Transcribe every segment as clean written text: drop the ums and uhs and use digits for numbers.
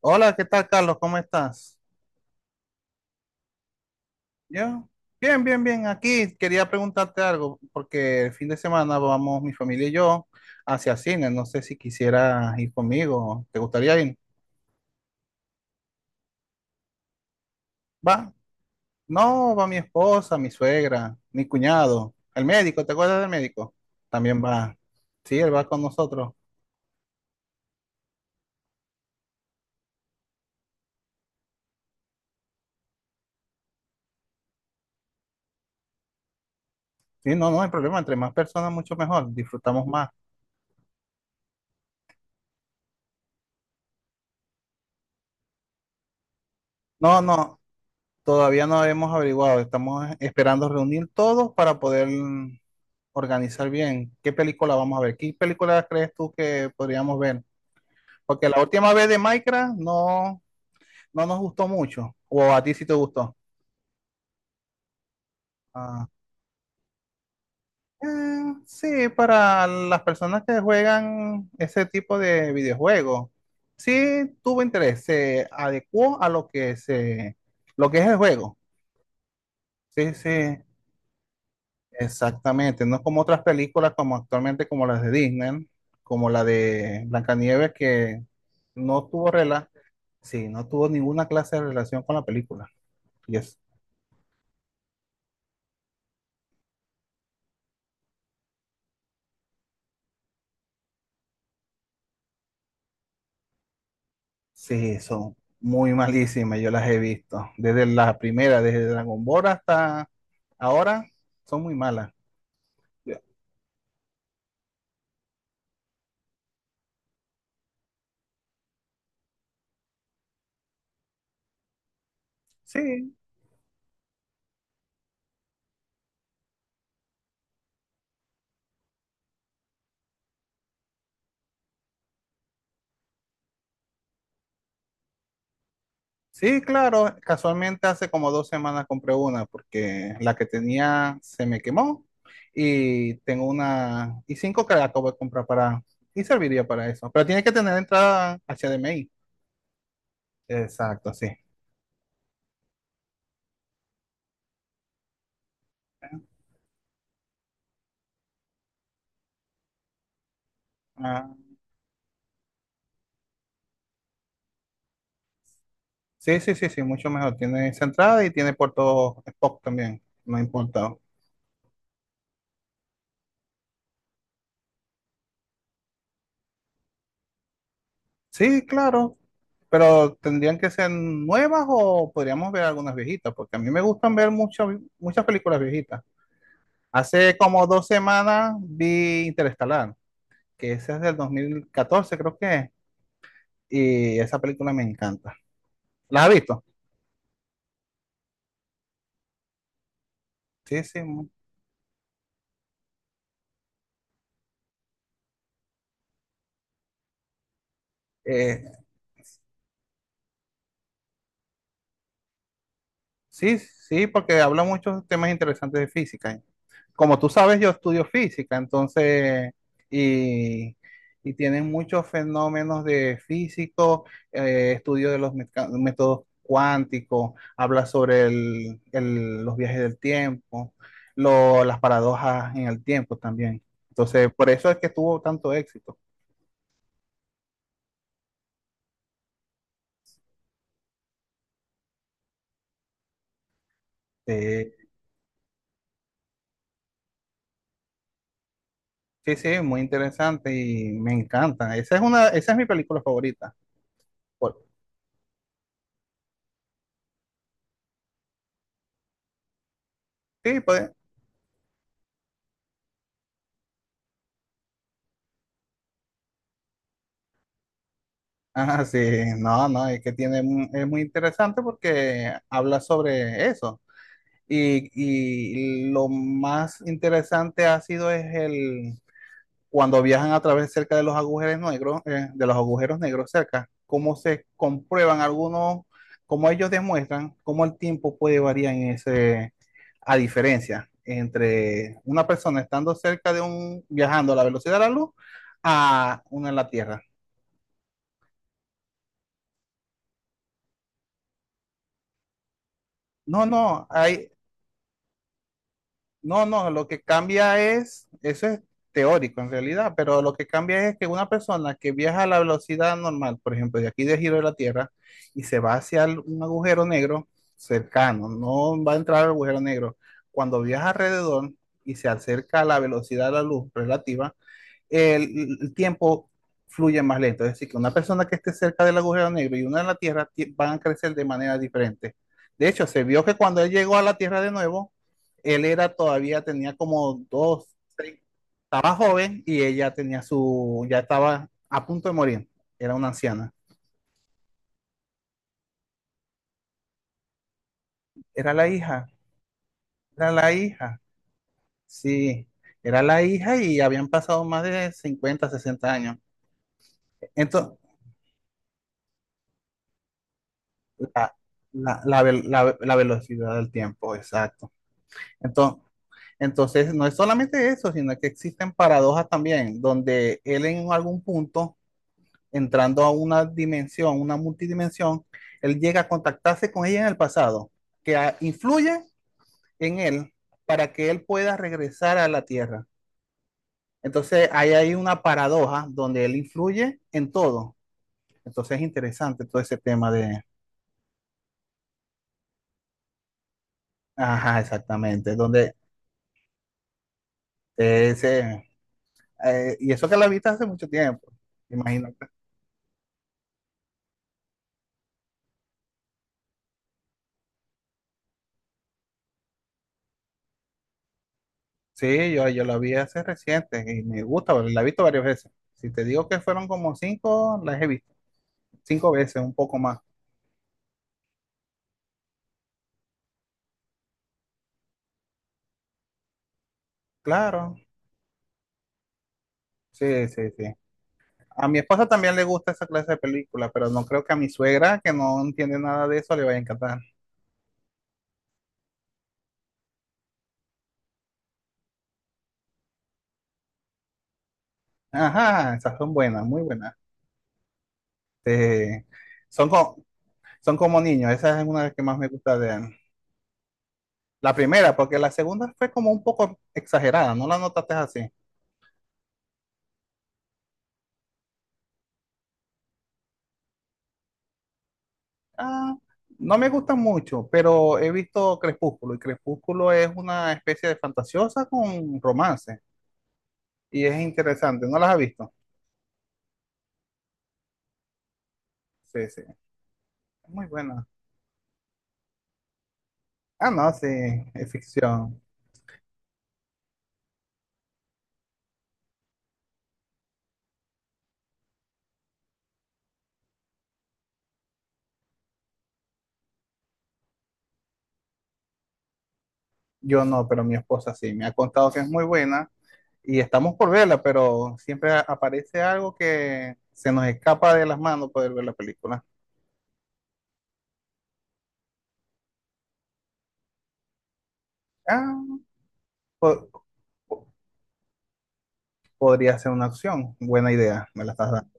Hola, ¿qué tal, Carlos? ¿Cómo estás? Yo, bien, bien, bien. Aquí quería preguntarte algo, porque el fin de semana vamos mi familia y yo hacia cine. No sé si quisieras ir conmigo. ¿Te gustaría ir? Va. No, va mi esposa, mi suegra, mi cuñado, el médico. ¿Te acuerdas del médico? También va. Sí, él va con nosotros. Sí, no, no hay problema. Entre más personas, mucho mejor. Disfrutamos más. No, no. Todavía no hemos averiguado, estamos esperando reunir todos para poder organizar bien qué película vamos a ver. ¿Qué película crees tú que podríamos ver? Porque la última vez de Minecraft no nos gustó mucho, o a ti sí te gustó. Ah, sí, para las personas que juegan ese tipo de videojuegos, sí tuvo interés, se adecuó a lo que es el juego. Sí, sí. Exactamente, no es como otras películas como actualmente como las de Disney, como la de Blancanieves que no tuvo sí, no tuvo ninguna clase de relación con la película. Y es, sí, son muy malísimas, yo las he visto. Desde la primera, desde Dragon Ball hasta ahora, son muy malas. Sí, sí, claro, casualmente hace como dos semanas compré una porque la que tenía se me quemó y tengo una y cinco que la acabo de comprar para y serviría para eso, pero tiene que tener entrada HDMI. Exacto, sí. Ah, sí, sí, sí, sí, mucho mejor. Tiene esa entrada y tiene puerto Spock también, no importa. Sí, claro, pero tendrían que ser nuevas o podríamos ver algunas viejitas porque a mí me gustan ver muchas películas viejitas. Hace como dos semanas vi Interestelar, que esa es del 2014, creo que es, y esa película me encanta. ¿La has visto? Sí, sí. Eh, sí, sí, porque habla muchos temas interesantes de física. Como tú sabes, yo estudio física, entonces, y, y tienen muchos fenómenos de físico, estudio de los métodos cuánticos, habla sobre los viajes del tiempo, las paradojas en el tiempo también. Entonces, por eso es que tuvo tanto éxito. Eh, sí, sí, muy interesante y me encanta. Esa es una, esa es mi película favorita. Por- sí, pues, ah, sí, no, no, es que tiene, es muy interesante porque habla sobre eso. Y, y lo más interesante ha sido es el cuando viajan a través cerca de los agujeros negros, de los agujeros negros cerca, cómo se comprueban algunos, cómo ellos demuestran cómo el tiempo puede variar en ese, a diferencia entre una persona estando cerca de un, viajando a la velocidad de la luz a una en la Tierra. No, no, no, lo que cambia es, eso es teórico en realidad, pero lo que cambia es que una persona que viaja a la velocidad normal, por ejemplo, de aquí de giro de la Tierra, y se va hacia un agujero negro cercano, no va a entrar al agujero negro, cuando viaja alrededor y se acerca a la velocidad de la luz relativa, el tiempo fluye más lento. Es decir, que una persona que esté cerca del agujero negro y una en la Tierra van a crecer de manera diferente. De hecho, se vio que cuando él llegó a la Tierra de nuevo, él era todavía, tenía como estaba joven y ella tenía su, ya estaba a punto de morir. Era una anciana. Era la hija, era la hija, sí, era la hija y habían pasado más de 50, 60 años. Entonces, la, la velocidad del tiempo, exacto. Entonces, entonces, no es solamente eso, sino que existen paradojas también, donde él en algún punto, entrando a una dimensión, una multidimensión, él llega a contactarse con ella en el pasado, que influye en él para que él pueda regresar a la Tierra. Entonces, ahí hay una paradoja donde él influye en todo. Entonces, es interesante todo ese tema de, ajá, exactamente, donde ese, y eso que la viste hace mucho tiempo, imagino. Sí, yo la vi hace reciente y me gusta, la he visto varias veces. Si te digo que fueron como cinco, las he visto. Cinco veces, un poco más. Claro, sí, sí, sí. A mi esposa también le gusta esa clase de película, pero no creo que a mi suegra, que no entiende nada de eso, le vaya a encantar. Ajá, esas son buenas, muy buenas. Este, son, co- son como niños, esa es una de las que más me gusta de él. La primera, porque la segunda fue como un poco exagerada, ¿no la notaste así? Ah, no me gusta mucho, pero he visto Crepúsculo y Crepúsculo es una especie de fantasiosa con romance y es interesante. ¿No las has visto? Sí, sí, es muy buena. Ah, no, sí, es ficción. Yo no, pero mi esposa sí, me ha contado que es muy buena y estamos por verla, pero siempre aparece algo que se nos escapa de las manos poder ver la película. Ah, po- po- podría ser una opción, buena idea, me la estás dando.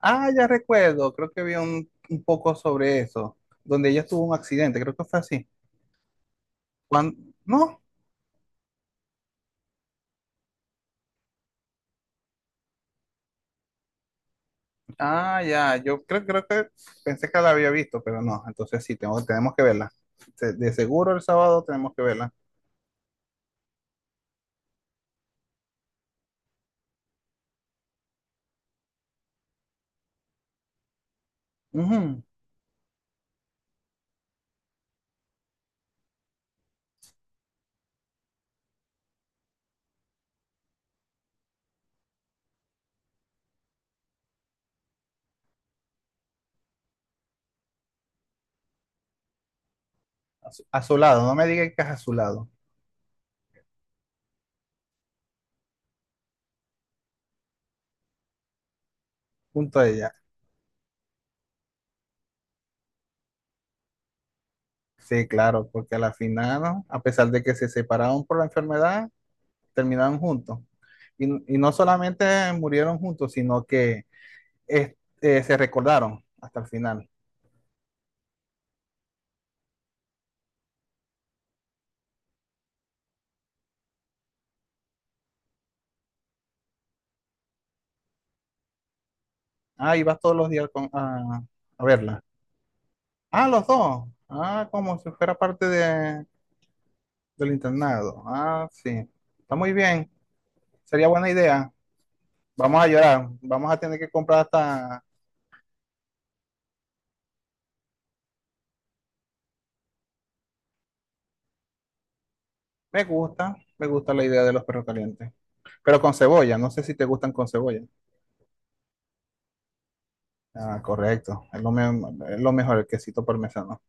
Ah, ya recuerdo, creo que vi un poco sobre eso, donde ella tuvo un accidente, creo que fue así. ¿Cuándo? ¿No? Ah, ya, yo creo, creo que pensé que la había visto, pero no, entonces sí, tengo, tenemos que verla. De seguro el sábado tenemos que verla. Ujú, a su, a su lado, no me digan que es a su lado, junto a ella. Sí, claro, porque a la final, ¿no? A pesar de que se separaron por la enfermedad, terminaron juntos. Y, y no solamente murieron juntos, sino que eh, se recordaron hasta el final. Ah, ibas todos los días a verla. Ah, los dos. Ah, como si fuera parte de, del internado. Ah, sí. Está muy bien. Sería buena idea. Vamos a llorar. Vamos a tener que comprar hasta… me gusta la idea de los perros calientes. Pero con cebolla. No sé si te gustan con cebolla. Ah, correcto. Es lo mejor, el quesito parmesano.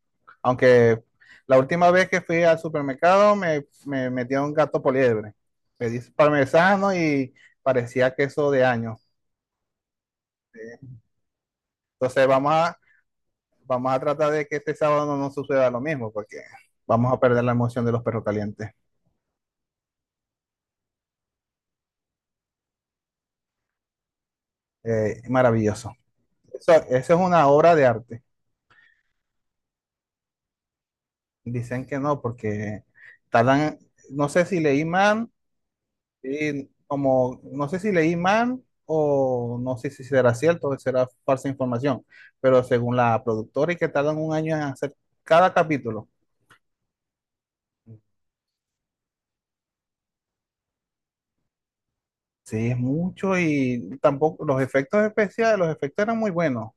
Aunque la última vez que fui al supermercado me metió un gato poliebre. Pedí parmesano y parecía queso de años. Entonces vamos a, vamos a tratar de que este sábado no nos suceda lo mismo, porque vamos a perder la emoción de los perros calientes. Maravilloso. Eso, eso es una obra de arte. Dicen que no, porque tardan, no sé si leí mal, y como, no sé si leí mal o no sé si será cierto o será falsa información, pero según la productora y que tardan 1 año en hacer cada capítulo. Sí, es mucho y tampoco los efectos especiales, los efectos eran muy buenos.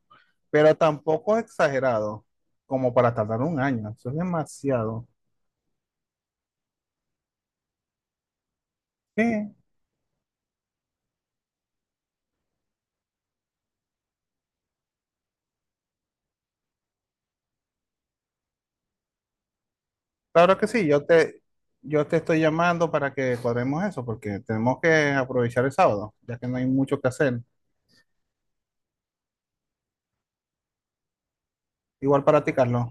Pero tampoco exagerado como para tardar 1 año. Eso es demasiado. Sí, claro que sí. Yo te estoy llamando para que cuadremos eso, porque tenemos que aprovechar el sábado, ya que no hay mucho que hacer. Igual para ti, Carlos.